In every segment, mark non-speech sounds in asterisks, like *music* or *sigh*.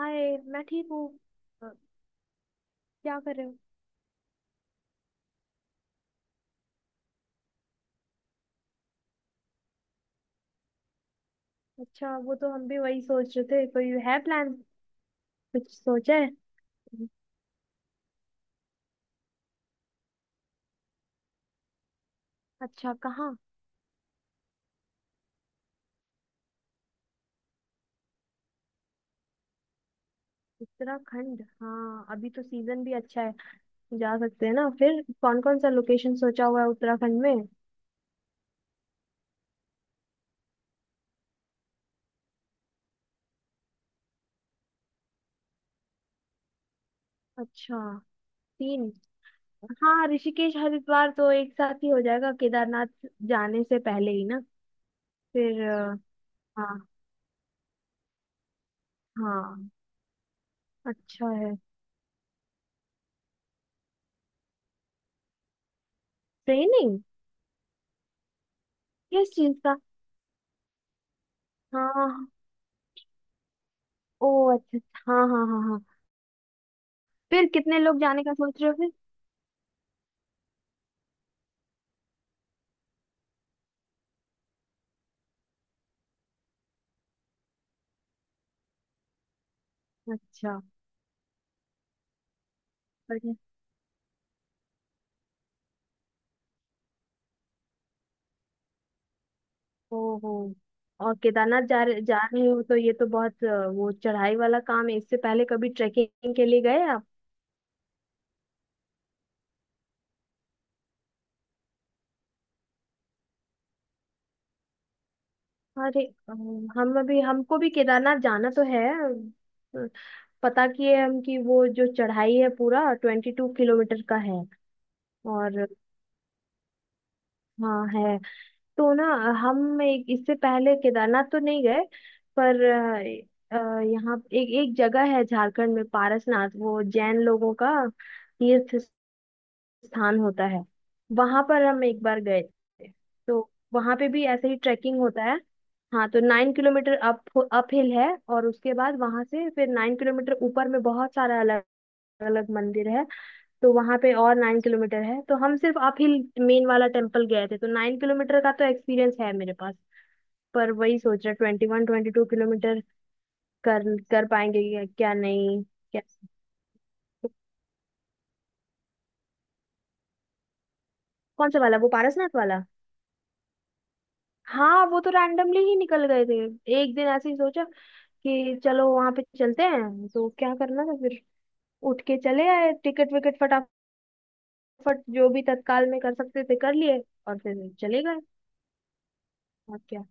हाय, मैं ठीक हूँ। अ, क्या कर रहे हो? अच्छा, वो तो हम भी वही सोच रहे थे। कोई है प्लान? कुछ सोचा है? अच्छा, कहाँ? उत्तराखंड, हाँ अभी तो सीजन भी अच्छा है। जा सकते हैं ना। फिर कौन कौन सा लोकेशन सोचा हुआ है उत्तराखंड में? अच्छा। तीन? हाँ, ऋषिकेश हरिद्वार तो एक साथ ही हो जाएगा। केदारनाथ जाने से पहले ही ना? फिर हाँ। हाँ। अच्छा है। ट्रेनिंग? किस चीज का? हाँ। ओ अच्छा अच्छा, हाँ हाँ हाँ। फिर कितने लोग जाने का सोच रहे हो फिर? अच्छा। बढ़िया। ओहो। और केदारनाथ जा रहे हो तो ये तो बहुत वो चढ़ाई वाला काम है। इससे पहले कभी ट्रेकिंग के लिए गए आप? अरे हम अभी हमको भी केदारनाथ जाना तो है। अ, पता किए हम कि वो जो चढ़ाई है पूरा 22 किलोमीटर का है। और हाँ है। तो ना, हम एक इससे पहले केदारनाथ तो नहीं गए। पर यहाँ एक एक जगह है झारखंड में, पारसनाथ। वो जैन लोगों का तीर्थ स्थान होता है। वहां पर हम एक बार गए थे। तो वहां पे भी ऐसे ही ट्रैकिंग होता है। हाँ, तो 9 किलोमीटर अप अप हिल है। और उसके बाद वहां से फिर 9 किलोमीटर ऊपर में बहुत सारा अलग अलग मंदिर है। तो वहां पे और 9 किलोमीटर है। तो हम सिर्फ अप हिल, मेन वाला टेम्पल गए थे, तो 9 किलोमीटर का तो एक्सपीरियंस है मेरे पास। पर वही सोच रहा, 21-22 किलोमीटर कर कर पाएंगे क्या क्या नहीं। क्या? कौन सा वाला, वो पारसनाथ वाला? हाँ, वो तो रैंडमली ही निकल गए थे। एक दिन ऐसे ही सोचा कि चलो वहां पे चलते हैं। तो क्या करना था फिर, उठ के चले आए, टिकट विकट फटाफट जो भी तत्काल में कर सकते थे कर लिए, और फिर चले गए। और क्या।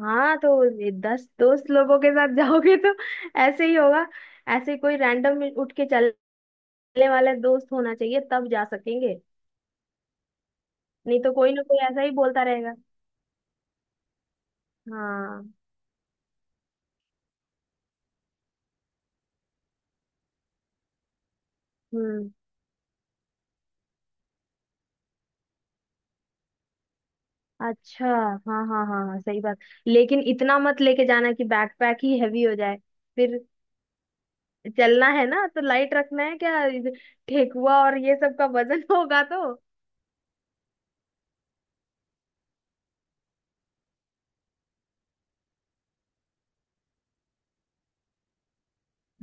हाँ, तो ये 10 दोस्त लोगों के साथ जाओगे तो ऐसे ही होगा। ऐसे कोई रैंडम उठ के चलने वाला दोस्त होना चाहिए, तब जा सकेंगे। नहीं तो कोई ना कोई ऐसा ही बोलता रहेगा। हाँ। हम्म। अच्छा। हाँ हाँ हाँ हाँ, सही बात। लेकिन इतना मत लेके जाना कि बैकपैक ही हैवी हो जाए। फिर चलना है ना तो लाइट रखना है। ठेकुआ और ये सब का वजन *laughs* होगा तो।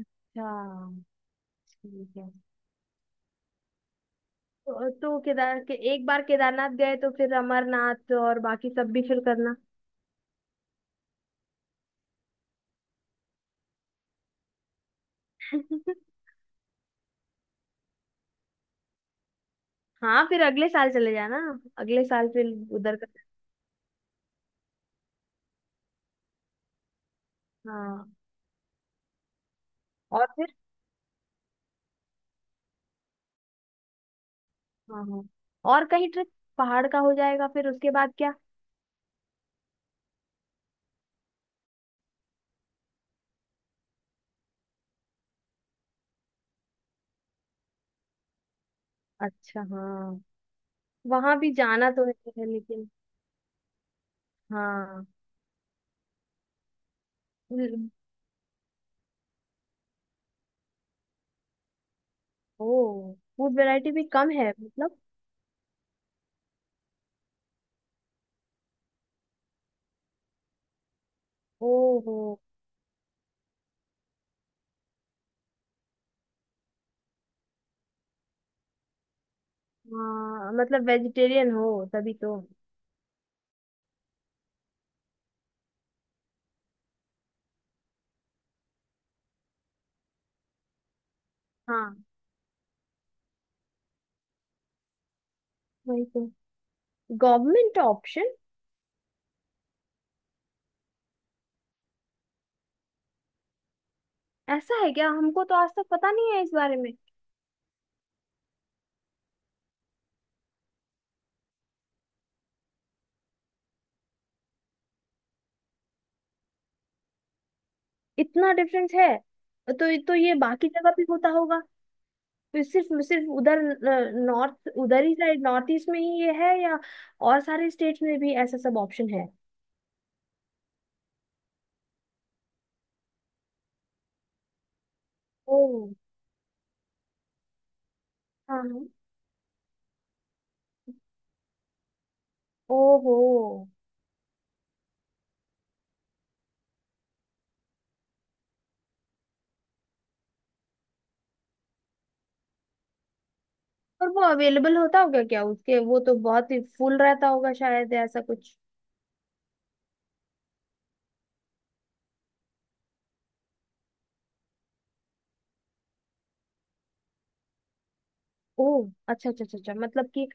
अच्छा। ठीक है। तो केदार के, एक बार केदारनाथ गए तो फिर अमरनाथ और बाकी सब भी फिर करना। *laughs* हाँ, फिर अगले साल चले जाना। अगले साल फिर उधर का। हाँ। और फिर, हाँ हाँ, और कहीं ट्रिप पहाड़ का हो जाएगा फिर। उसके बाद क्या? अच्छा। हाँ, वहां भी जाना तो है लेकिन। हाँ। ल- ओ, फूड वैरायटी भी कम है मतलब? ओ हो। हाँ, मतलब वेजिटेरियन हो तभी तो। हाँ वही तो, गवर्नमेंट ऑप्शन? ऐसा है क्या? हमको तो आज तक पता नहीं है इस बारे में। इतना डिफरेंस है? तो ये बाकी जगह भी होता होगा। फिर सिर्फ सिर्फ उधर, नॉर्थ, उधर ही साइड, नॉर्थ ईस्ट में ही ये है, या और सारे स्टेट्स में भी ऐसा सब ऑप्शन है? ओ। हाँ हाँ। ओहो। और वो अवेलेबल होता होगा क्या? उसके वो तो बहुत ही फुल रहता होगा शायद, या ऐसा कुछ? ओ, अच्छा अच्छा अच्छा अच्छा, मतलब कि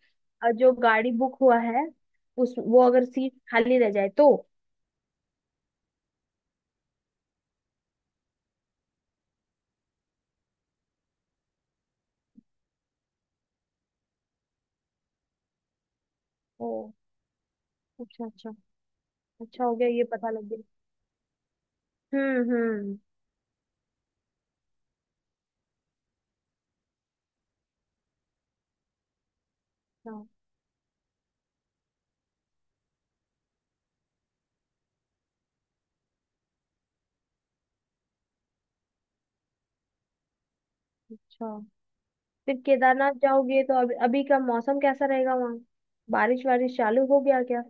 जो गाड़ी बुक हुआ है उस, वो अगर सीट खाली रह जाए तो? ओ। अच्छा अच्छा। अच्छा हो गया ये पता लग गया। हम्म। हम्म। अच्छा। अच्छा। फिर केदारनाथ जाओगे तो अभी अभी का मौसम कैसा रहेगा वहाँ? बारिश वारिश चालू हो गया क्या?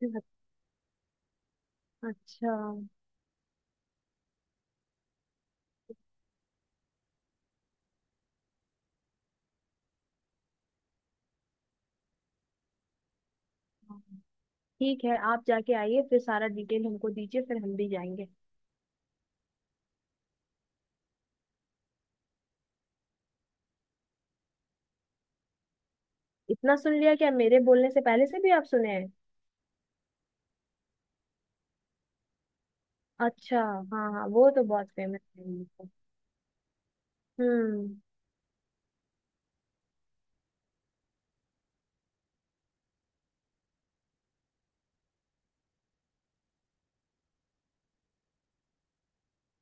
*laughs* अच्छा। हाँ। ठीक है, आप जाके आइए फिर सारा डिटेल हमको दीजिए फिर हम भी जाएंगे। इतना सुन लिया क्या, मेरे बोलने से पहले से भी आप सुने हैं? अच्छा हाँ हाँ, वो तो बहुत फेमस है ये तो। हम्म।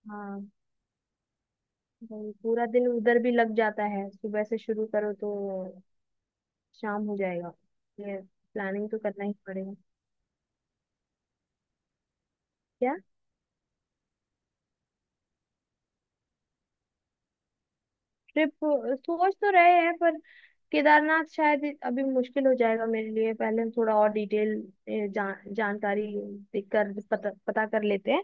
हाँ वही, पूरा दिन उधर भी लग जाता है, सुबह से शुरू करो तो शाम हो जाएगा। ये प्लानिंग तो करना ही पड़ेगा। क्या? ट्रिप? सोच तो रहे हैं पर केदारनाथ शायद अभी मुश्किल हो जाएगा मेरे लिए। पहले हम थोड़ा और डिटेल जान, जानकारी देख कर पता पता कर लेते हैं।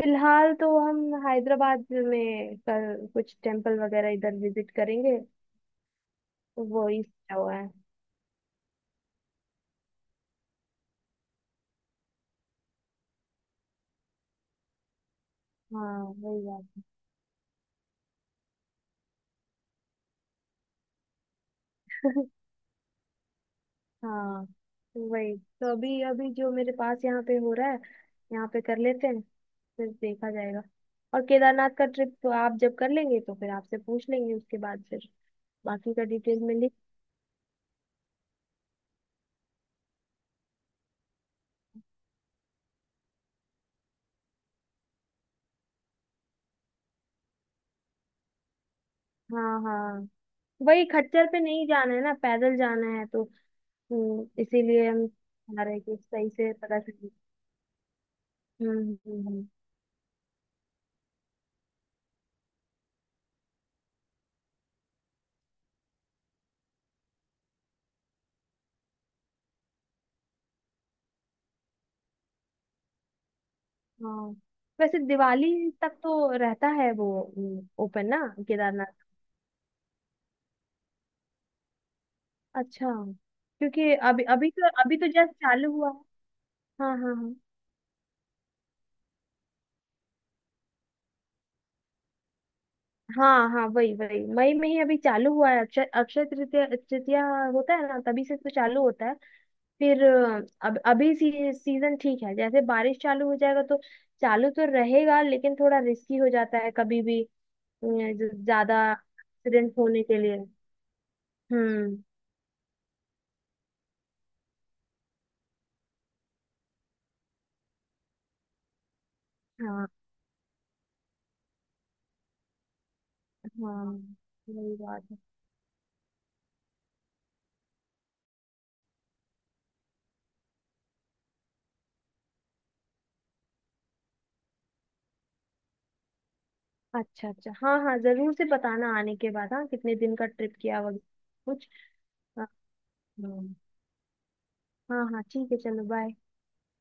फिलहाल तो हम हैदराबाद में कर, कुछ टेम्पल वगैरह इधर विजिट करेंगे तो वो ही सोचा हुआ है। हाँ वही बात है। *laughs* हाँ वही तो अभी अभी जो मेरे पास यहाँ पे हो रहा है, यहाँ पे कर लेते हैं, फिर देखा जाएगा। और केदारनाथ का ट्रिप तो आप जब कर लेंगे तो फिर आपसे पूछ लेंगे, उसके बाद फिर बाकी का डिटेल में लिख। हाँ हाँ। वही खच्चर पे नहीं जाना है ना, पैदल जाना है तो। इसीलिए हम चाह रहे हैं कि सही से पता चले। हम्म। हम्म। हाँ। वैसे दिवाली तक तो रहता है वो, ओपन ना? केदारनाथ। अच्छा, क्योंकि अभी अभी तो जस्ट चालू हुआ है। हाँ हाँ हाँ हाँ। हाँ वही वही, मई में ही अभी चालू हुआ है। अक्षय अक्षय तृतीया तृतीया होता है ना, तभी से तो चालू होता है। फिर अब अभी सीजन ठीक है। जैसे बारिश चालू हो जाएगा तो चालू तो रहेगा लेकिन थोड़ा रिस्की हो जाता है, कभी भी ज्यादा एक्सीडेंट होने के लिए। हम्म। हाँ हाँ, वही बात है। अच्छा अच्छा हाँ हाँ, जरूर से बताना आने के बाद, हाँ कितने दिन का ट्रिप किया वगैरह कुछ। हाँ हाँ। हाँ हाँ, ठीक है चलो बाय।